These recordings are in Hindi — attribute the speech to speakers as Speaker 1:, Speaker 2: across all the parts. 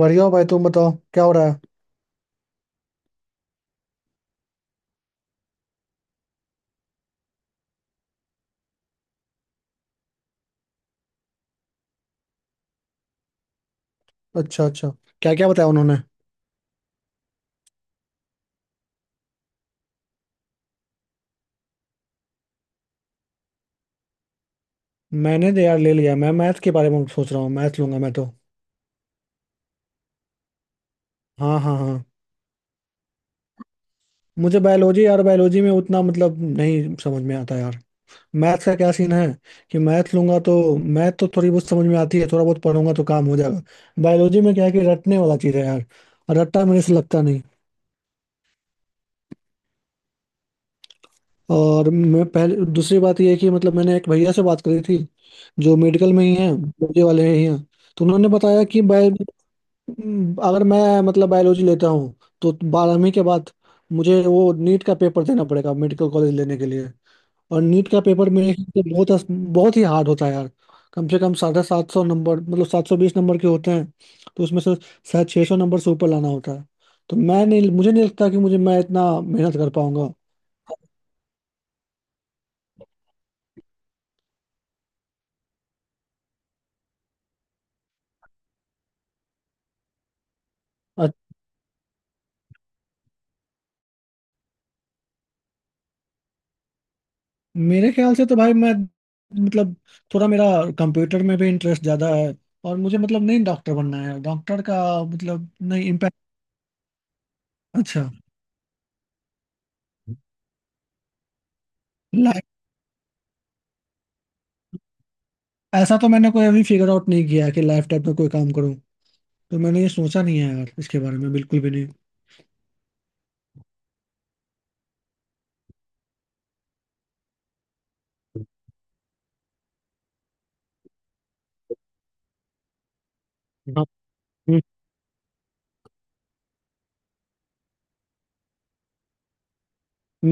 Speaker 1: बढ़िया हो भाई। तुम बताओ क्या हो रहा है। अच्छा अच्छा। क्या क्या बताया उन्होंने? मैंने तो यार ले लिया। मैं मैथ के बारे में सोच रहा हूँ। मैथ लूंगा मैं तो। हाँ हाँ हाँ। मुझे बायोलॉजी, यार बायोलॉजी में उतना मतलब नहीं समझ में आता यार। मैथ का क्या सीन है कि मैथ लूंगा तो मैथ तो थोड़ी बहुत समझ में आती है। थोड़ा बहुत पढ़ूंगा तो काम हो जाएगा। बायोलॉजी में क्या है कि रटने वाला चीज़ है यार। और रट्टा मेरे से लगता नहीं। और मैं पहले, दूसरी बात यह है कि मतलब मैंने एक भैया से बात करी थी, जो मेडिकल में ही है, मुझे वाले ही हैं। तो उन्होंने बताया कि बायो। अगर मैं मतलब बायोलॉजी लेता हूँ तो 12वीं के बाद मुझे वो नीट का पेपर देना पड़ेगा मेडिकल कॉलेज लेने के लिए। और नीट का पेपर मेरे हिसाब से बहुत बहुत ही हार्ड होता है यार। कम से कम 750 नंबर, मतलब 720 नंबर के होते हैं। तो उसमें से शायद 600 नंबर से ऊपर लाना होता है। तो मैं नहीं, मुझे नहीं लगता कि मुझे मैं इतना मेहनत कर पाऊंगा। और मेरे ख्याल से तो भाई मैं मतलब थोड़ा मेरा कंप्यूटर में भी इंटरेस्ट ज़्यादा है। और मुझे मतलब नहीं डॉक्टर बनना है। डॉक्टर का मतलब नहीं। अच्छा। लाइफ ऐसा तो मैंने कोई अभी फिगर आउट नहीं किया है कि लाइफ टाइम में कोई काम करूं। तो मैंने ये सोचा नहीं है यार, इसके बारे में बिल्कुल भी नहीं।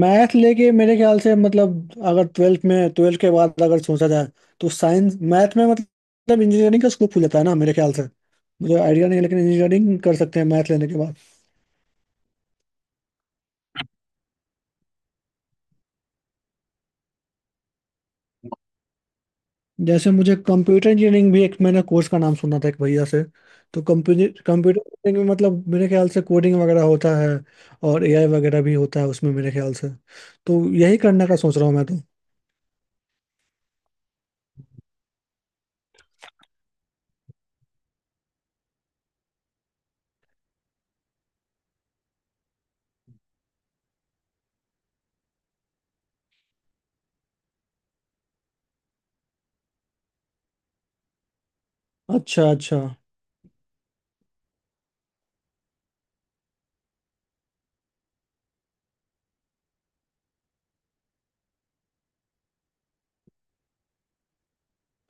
Speaker 1: मैथ लेके मेरे ख्याल से, मतलब अगर ट्वेल्थ के बाद अगर सोचा जाए तो साइंस मैथ में मतलब इंजीनियरिंग का स्कोप खुल जाता है ना मेरे ख्याल से। मुझे आइडिया नहीं है लेकिन इंजीनियरिंग कर सकते हैं मैथ लेने के बाद। जैसे मुझे कंप्यूटर इंजीनियरिंग भी, एक मैंने कोर्स का नाम सुना था एक भैया से। तो कंप्यूटर कंप्यूटर इंजीनियरिंग में मतलब मेरे ख्याल से कोडिंग वगैरह होता है। और एआई वगैरह भी होता है उसमें मेरे ख्याल से। तो यही करने का सोच रहा हूँ मैं तो। अच्छा अच्छा।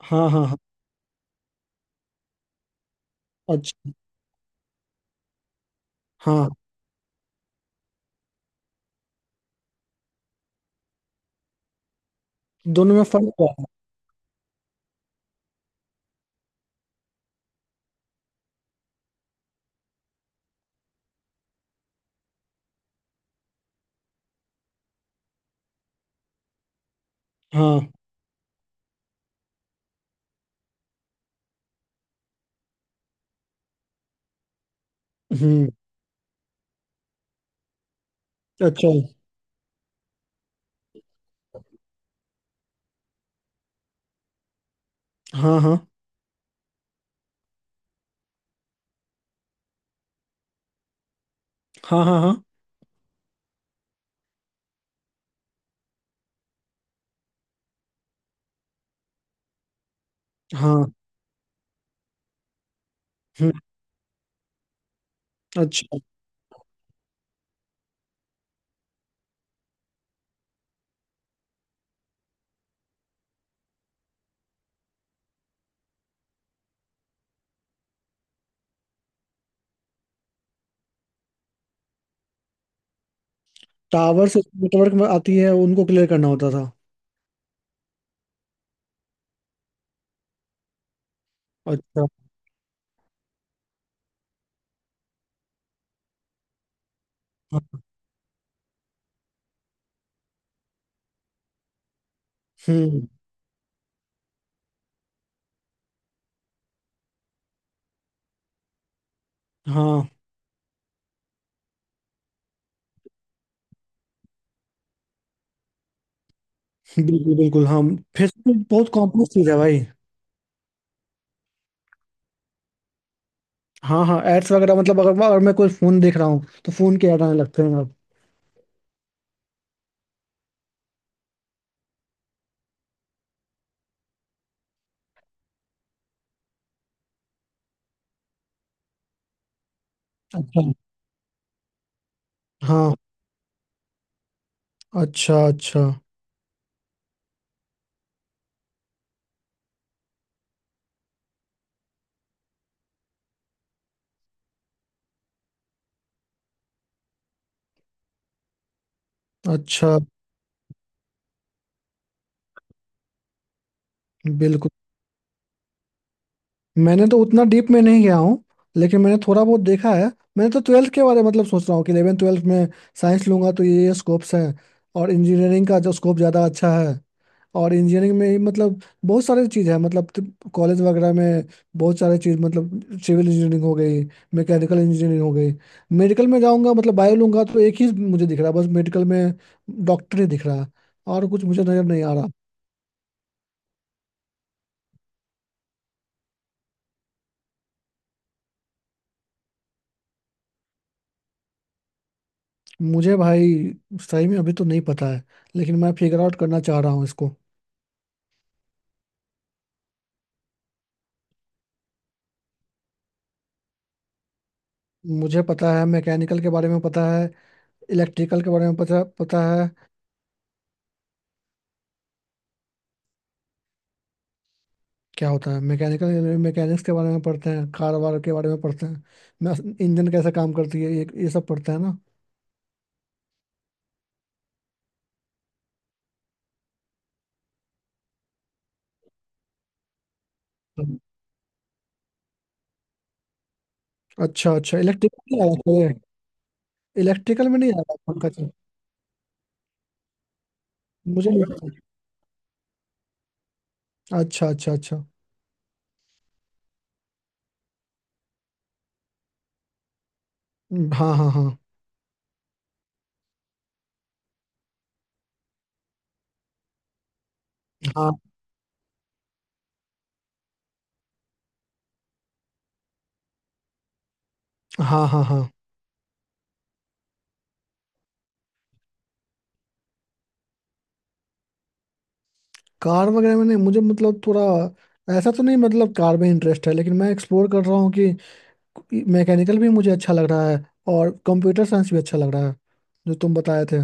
Speaker 1: हाँ हाँ हाँ। अच्छा। हाँ। दोनों में फर्क क्या है? हाँ। हम्म। अच्छा। हाँ हाँ हाँ। हाँ हाँ हाँ। हम्म। अच्छा। टावर से नेटवर्क में आती है, उनको क्लियर करना होता था। अच्छा। हाँ। हम्म। हाँ। बिल्कुल बिल्कुल हाँ। फेसबुक बहुत कॉम्प्लेक्स चीज है भाई। हाँ हाँ। एड्स वगैरह मतलब अगर अगर मैं कोई फोन देख रहा हूँ तो फोन के ऐड आने लगते हैं अब। अच्छा। हाँ। अच्छा अच्छा अच्छा। बिल्कुल। मैंने तो उतना डीप में नहीं गया हूँ। लेकिन मैंने थोड़ा बहुत देखा है। मैंने तो ट्वेल्थ के बारे में मतलब सोच रहा हूँ कि इलेवन ट्वेल्थ में साइंस लूंगा तो ये स्कोप्स हैं। और इंजीनियरिंग का जो स्कोप ज़्यादा अच्छा है। और इंजीनियरिंग में ही मतलब बहुत सारे चीज़ है, मतलब कॉलेज वगैरह में बहुत सारे चीज़, मतलब सिविल इंजीनियरिंग हो गई, मैकेनिकल इंजीनियरिंग हो गई। मेडिकल में जाऊंगा मतलब बायो लूंगा तो एक ही मुझे दिख रहा है बस। मेडिकल में डॉक्टर ही दिख रहा है। और कुछ मुझे नज़र नहीं आ रहा। मुझे भाई सही में अभी तो नहीं पता है, लेकिन मैं फिगर आउट करना चाह रहा हूँ इसको। मुझे पता है, मैकेनिकल के बारे में पता है, इलेक्ट्रिकल के बारे में पता पता है। क्या होता है मैकेनिकल, मैकेनिक्स के बारे में पढ़ते हैं, कार वार के बारे में पढ़ते हैं, मैं इंजन कैसे काम करती है ये सब पढ़ते हैं ना। हम्म। अच्छा अच्छा। इलेक्ट्रिकल में आया था। इलेक्ट्रिकल में नहीं आया था पंकज सर। मुझे नहीं पता। अच्छा अच्छा अच्छा। हाँ हाँ हाँ हाँ हाँ हाँ हाँ। कार वगैरह में नहीं, मुझे मतलब थोड़ा ऐसा तो नहीं, मतलब कार में इंटरेस्ट है लेकिन मैं एक्सप्लोर कर रहा हूँ कि मैकेनिकल भी मुझे अच्छा लग रहा है, और कंप्यूटर साइंस भी अच्छा लग रहा है, जो तुम बताए थे।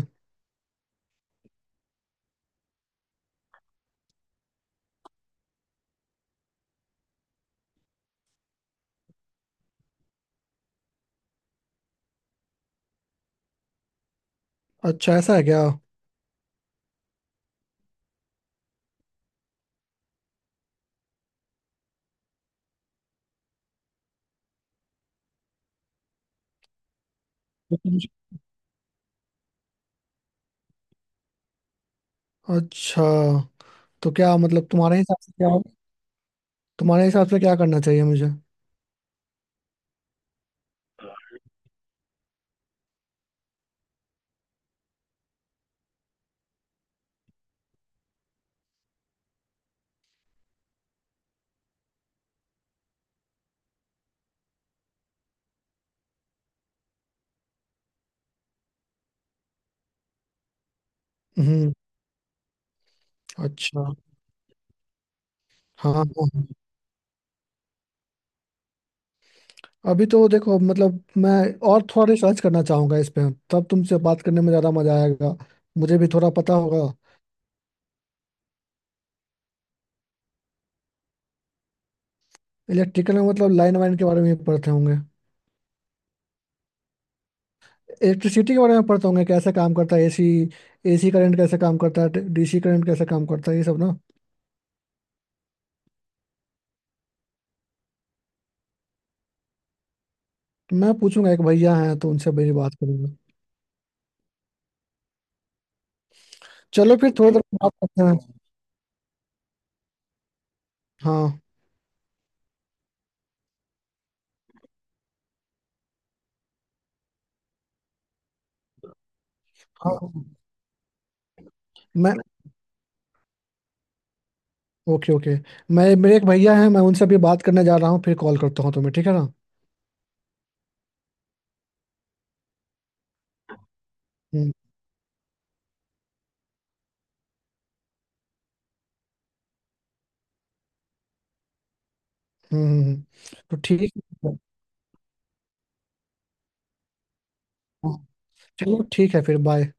Speaker 1: अच्छा ऐसा है क्या? अच्छा। तो क्या मतलब तुम्हारे हिसाब से क्या करना चाहिए मुझे? हम्म। अच्छा। हाँ हाँ हाँ। अभी तो देखो मतलब मैं और थोड़ा रिसर्च करना चाहूंगा इस पे, तब तुमसे बात करने में ज़्यादा मजा आएगा, मुझे भी थोड़ा पता होगा। इलेक्ट्रिकल में मतलब लाइन वाइन के बारे में भी पढ़ते होंगे, इलेक्ट्रिसिटी के बारे में पढ़ते होंगे, कैसे काम करता है एसी। एसी करंट कैसे काम करता है, डीसी करंट कैसे काम करता है, ये सब ना। तो मैं पूछूंगा, एक भैया हैं तो उनसे मेरी बात करूंगा। चलो फिर थोड़ी देर में बात करते हैं। हाँ। हाँ। मैं ओके ओके। मैं, मेरे एक भैया हैं, मैं उनसे अभी बात करने जा रहा हूँ, फिर कॉल करता हूँ तुम्हें, ठीक है ना? हम्म हम्म हम्म, हम्म। तो ठीक है। हाँ, चलो ठीक है फिर बाय।